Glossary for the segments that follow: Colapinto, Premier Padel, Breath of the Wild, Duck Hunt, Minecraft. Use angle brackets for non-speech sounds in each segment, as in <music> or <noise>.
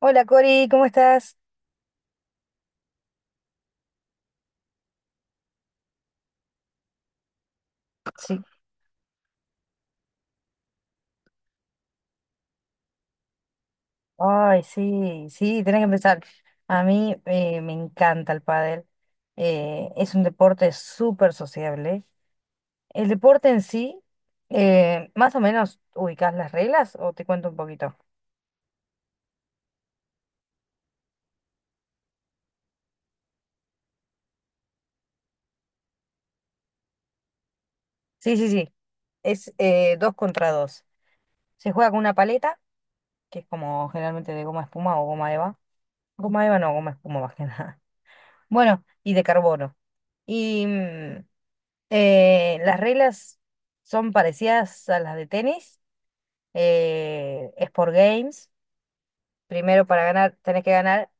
Hola Cori, ¿cómo estás? Sí, ay, sí, sí, tenés que empezar. A mí me encanta el pádel. Es un deporte súper sociable. El deporte en sí, más o menos, ¿ubicás las reglas o te cuento un poquito? Sí, sí, sí. Es dos contra dos. Se juega con una paleta, que es como generalmente de goma espuma o goma eva. Goma eva no, goma espuma más que <laughs> nada. Bueno, y de carbono. Y mm, las reglas son parecidas a las de tenis. Es por games. Primero para ganar tenés que ganar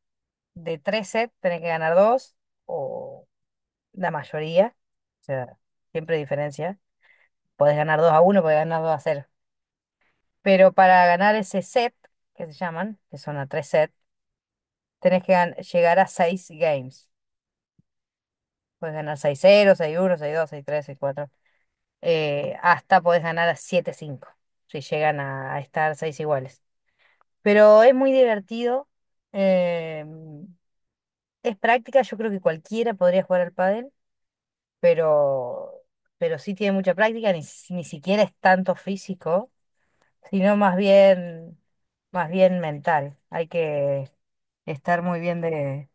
de tres sets, tenés que ganar dos o la mayoría. O sea, siempre hay diferencia. Podés ganar dos a uno, podés ganar dos a cero. Pero para ganar ese set, que se llaman, que son a tres sets, llegar a seis games. Podés ganar seis cero, seis uno, seis dos, seis tres, seis cuatro. Hasta podés ganar a siete cinco, si llegan a estar seis iguales. Pero es muy divertido. eh, es práctica, yo creo que cualquiera podría jugar al pádel, pero, pero sí tiene mucha práctica, ni siquiera es tanto físico, sino más más bien mental. Hay que estar muy bien de...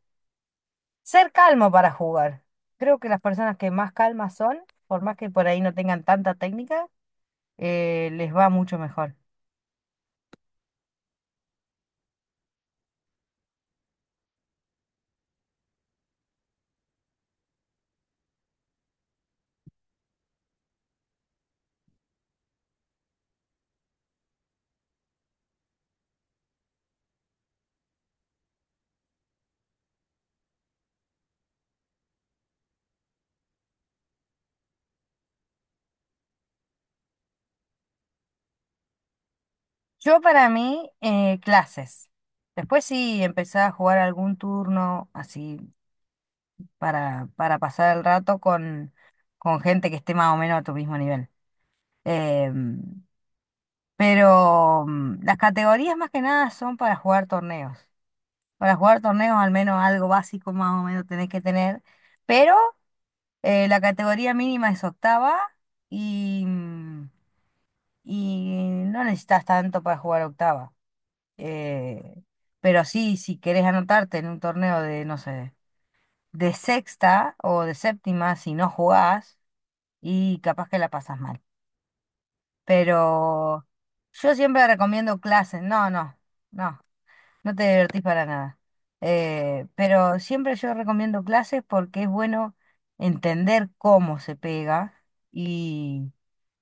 Ser calmo para jugar. Creo que las personas que más calmas son, por más que por ahí no tengan tanta técnica, les va mucho mejor. Yo para mí, clases. Después sí empezaba a jugar algún turno así para pasar el rato con gente que esté más o menos a tu mismo nivel. Em, las categorías más que nada son para jugar torneos. Para jugar torneos al menos algo básico más o menos tenés que tener. Pero la categoría mínima es octava y, mm, y no necesitas tanto para jugar octava. Eh, pero sí, si querés anotarte en un torneo de, no sé, de sexta o de séptima, si no jugás, y capaz que la pasas mal. Pero yo siempre recomiendo clases. No, no, no, no te divertís para nada. Pero siempre yo recomiendo clases porque es bueno entender cómo se pega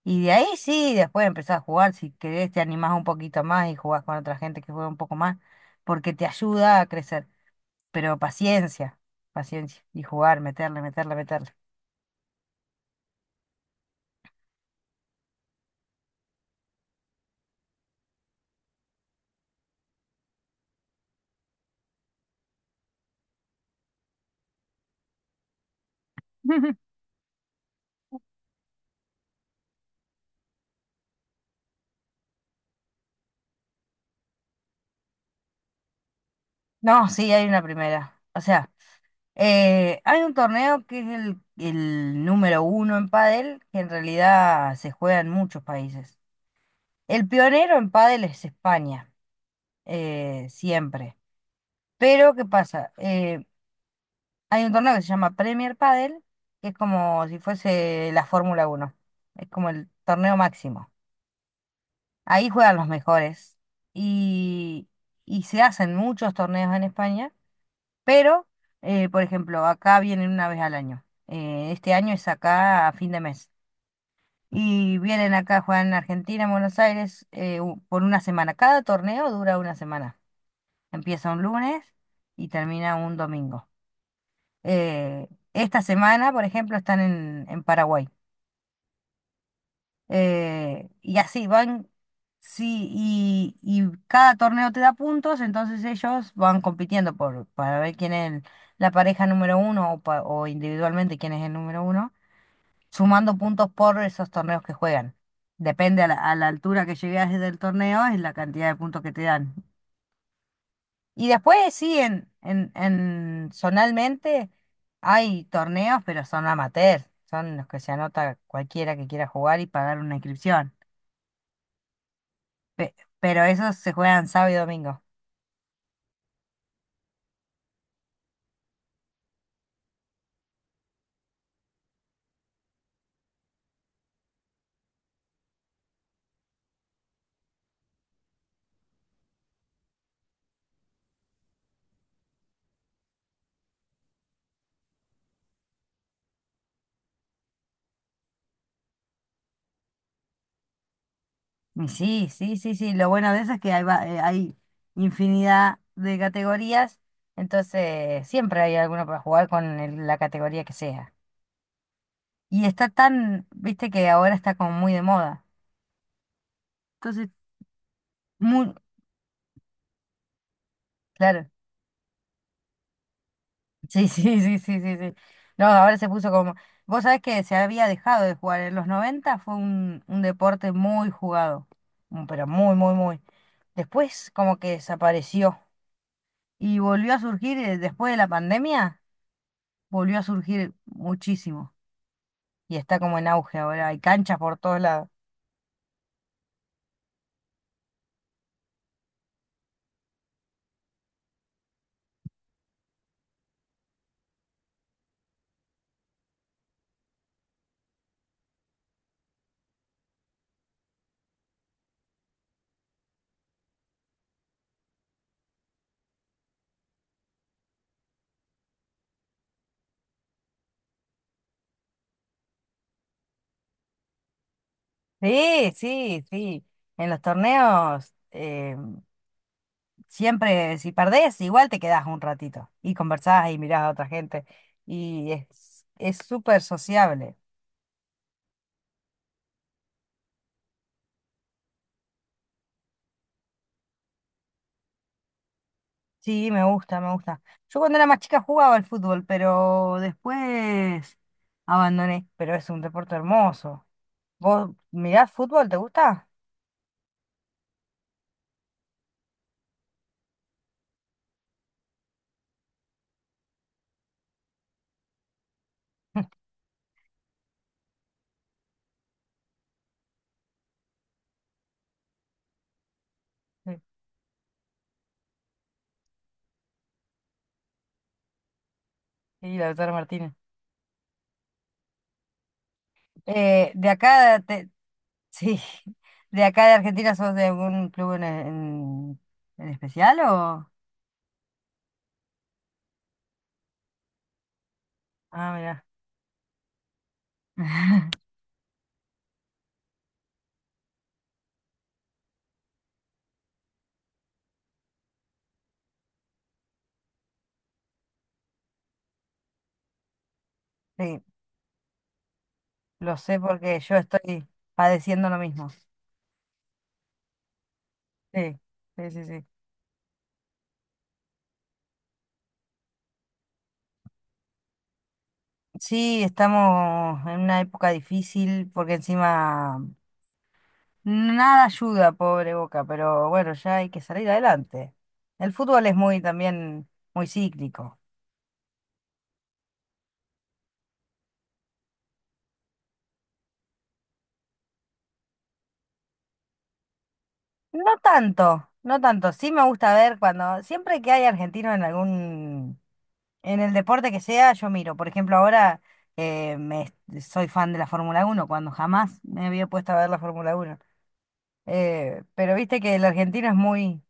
y de ahí sí, después empezás a jugar, si querés te animás un poquito más y jugás con otra gente que juega un poco más, porque te ayuda a crecer. Pero paciencia, paciencia, y jugar, meterle, meterle, meterle. <laughs> No, sí, hay una primera. O sea, hay un torneo que es el número uno en pádel, que en realidad se juega en muchos países. El pionero en pádel es España, siempre. Pero, ¿qué pasa? Hay un torneo que se llama Premier Padel, que es como si fuese la Fórmula Uno. Es como el torneo máximo. Ahí juegan los mejores. Y, y se hacen muchos torneos en España, pero, por ejemplo, acá vienen una vez al año. Este año es acá a fin de mes. Y vienen acá, juegan en Argentina, en Buenos Aires, por una semana. Cada torneo dura una semana. Empieza un lunes y termina un domingo. Eh, Esta semana, por ejemplo, están en Paraguay. Y así van, sí, y cada torneo te da puntos, entonces ellos van compitiendo para ver quién es la pareja número uno o individualmente quién es el número uno, sumando puntos por esos torneos que juegan. Depende a a la altura que llegues del torneo, es la cantidad de puntos que te dan. Y después sí, en zonalmente hay torneos, pero son amateurs, son los que se anota cualquiera que quiera jugar y pagar una inscripción. Pero esos se juegan sábado y domingo. Y sí, sí, sí, sí, lo bueno de eso es que hay infinidad de categorías, entonces siempre hay alguno para jugar con la categoría que sea. Y está tan, viste que ahora está como muy de moda. Entonces, muy, claro. Sí, sí, sí, sí, sí, sí. No, ahora se puso como... Vos sabés que se había dejado de jugar. ¿En los 90? Fue un deporte muy jugado, pero muy, muy, muy. Después como que desapareció y volvió a surgir después de la pandemia, volvió a surgir muchísimo y está como en auge ahora. Hay canchas por todos lados. Sí, sí, sí. En los torneos siempre, si perdés, igual te quedás un ratito y conversás y mirás a otra gente. Y es súper sociable. Sí, me gusta, me gusta. Yo cuando era más chica jugaba al fútbol, pero después abandoné. Pero es un deporte hermoso. ¿Vos mirás fútbol? ¿Te gusta? <laughs> Sí, sí, la doctora Martínez. Eh, de acá, te- sí, <laughs> de acá de Argentina, ¿sos de algún club en especial o...? Ah, mira. <laughs> Lo sé porque yo estoy padeciendo lo mismo. Sí, sí, sí, sí. Sí, estamos en una época difícil porque encima nada ayuda, pobre Boca, pero bueno, ya hay que salir adelante. El fútbol es muy también muy cíclico. No tanto, no tanto. Sí me gusta ver cuando, siempre que hay argentinos en algún, en el deporte que sea, yo miro. Por ejemplo, ahora eh, me, soy fan de la Fórmula Uno cuando jamás me había puesto a ver la Fórmula Uno. Pero viste que el argentino es muy,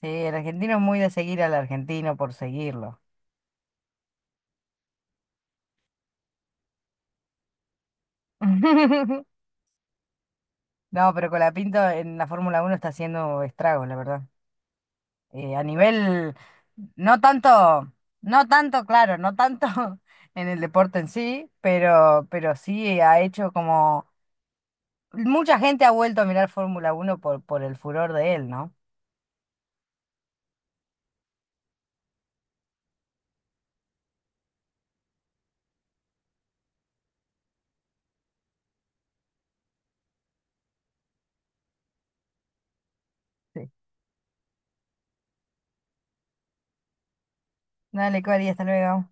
sí, el argentino es muy de seguir al argentino por seguirlo. <laughs> No, pero Colapinto en la Fórmula uno está haciendo estragos, la verdad. Eh, a nivel, no tanto, no tanto, claro, no tanto <laughs> en el deporte en sí, pero sí ha hecho como, mucha gente ha vuelto a mirar Fórmula uno por el furor de él, ¿no? Sí. Dale, Cori, hasta luego.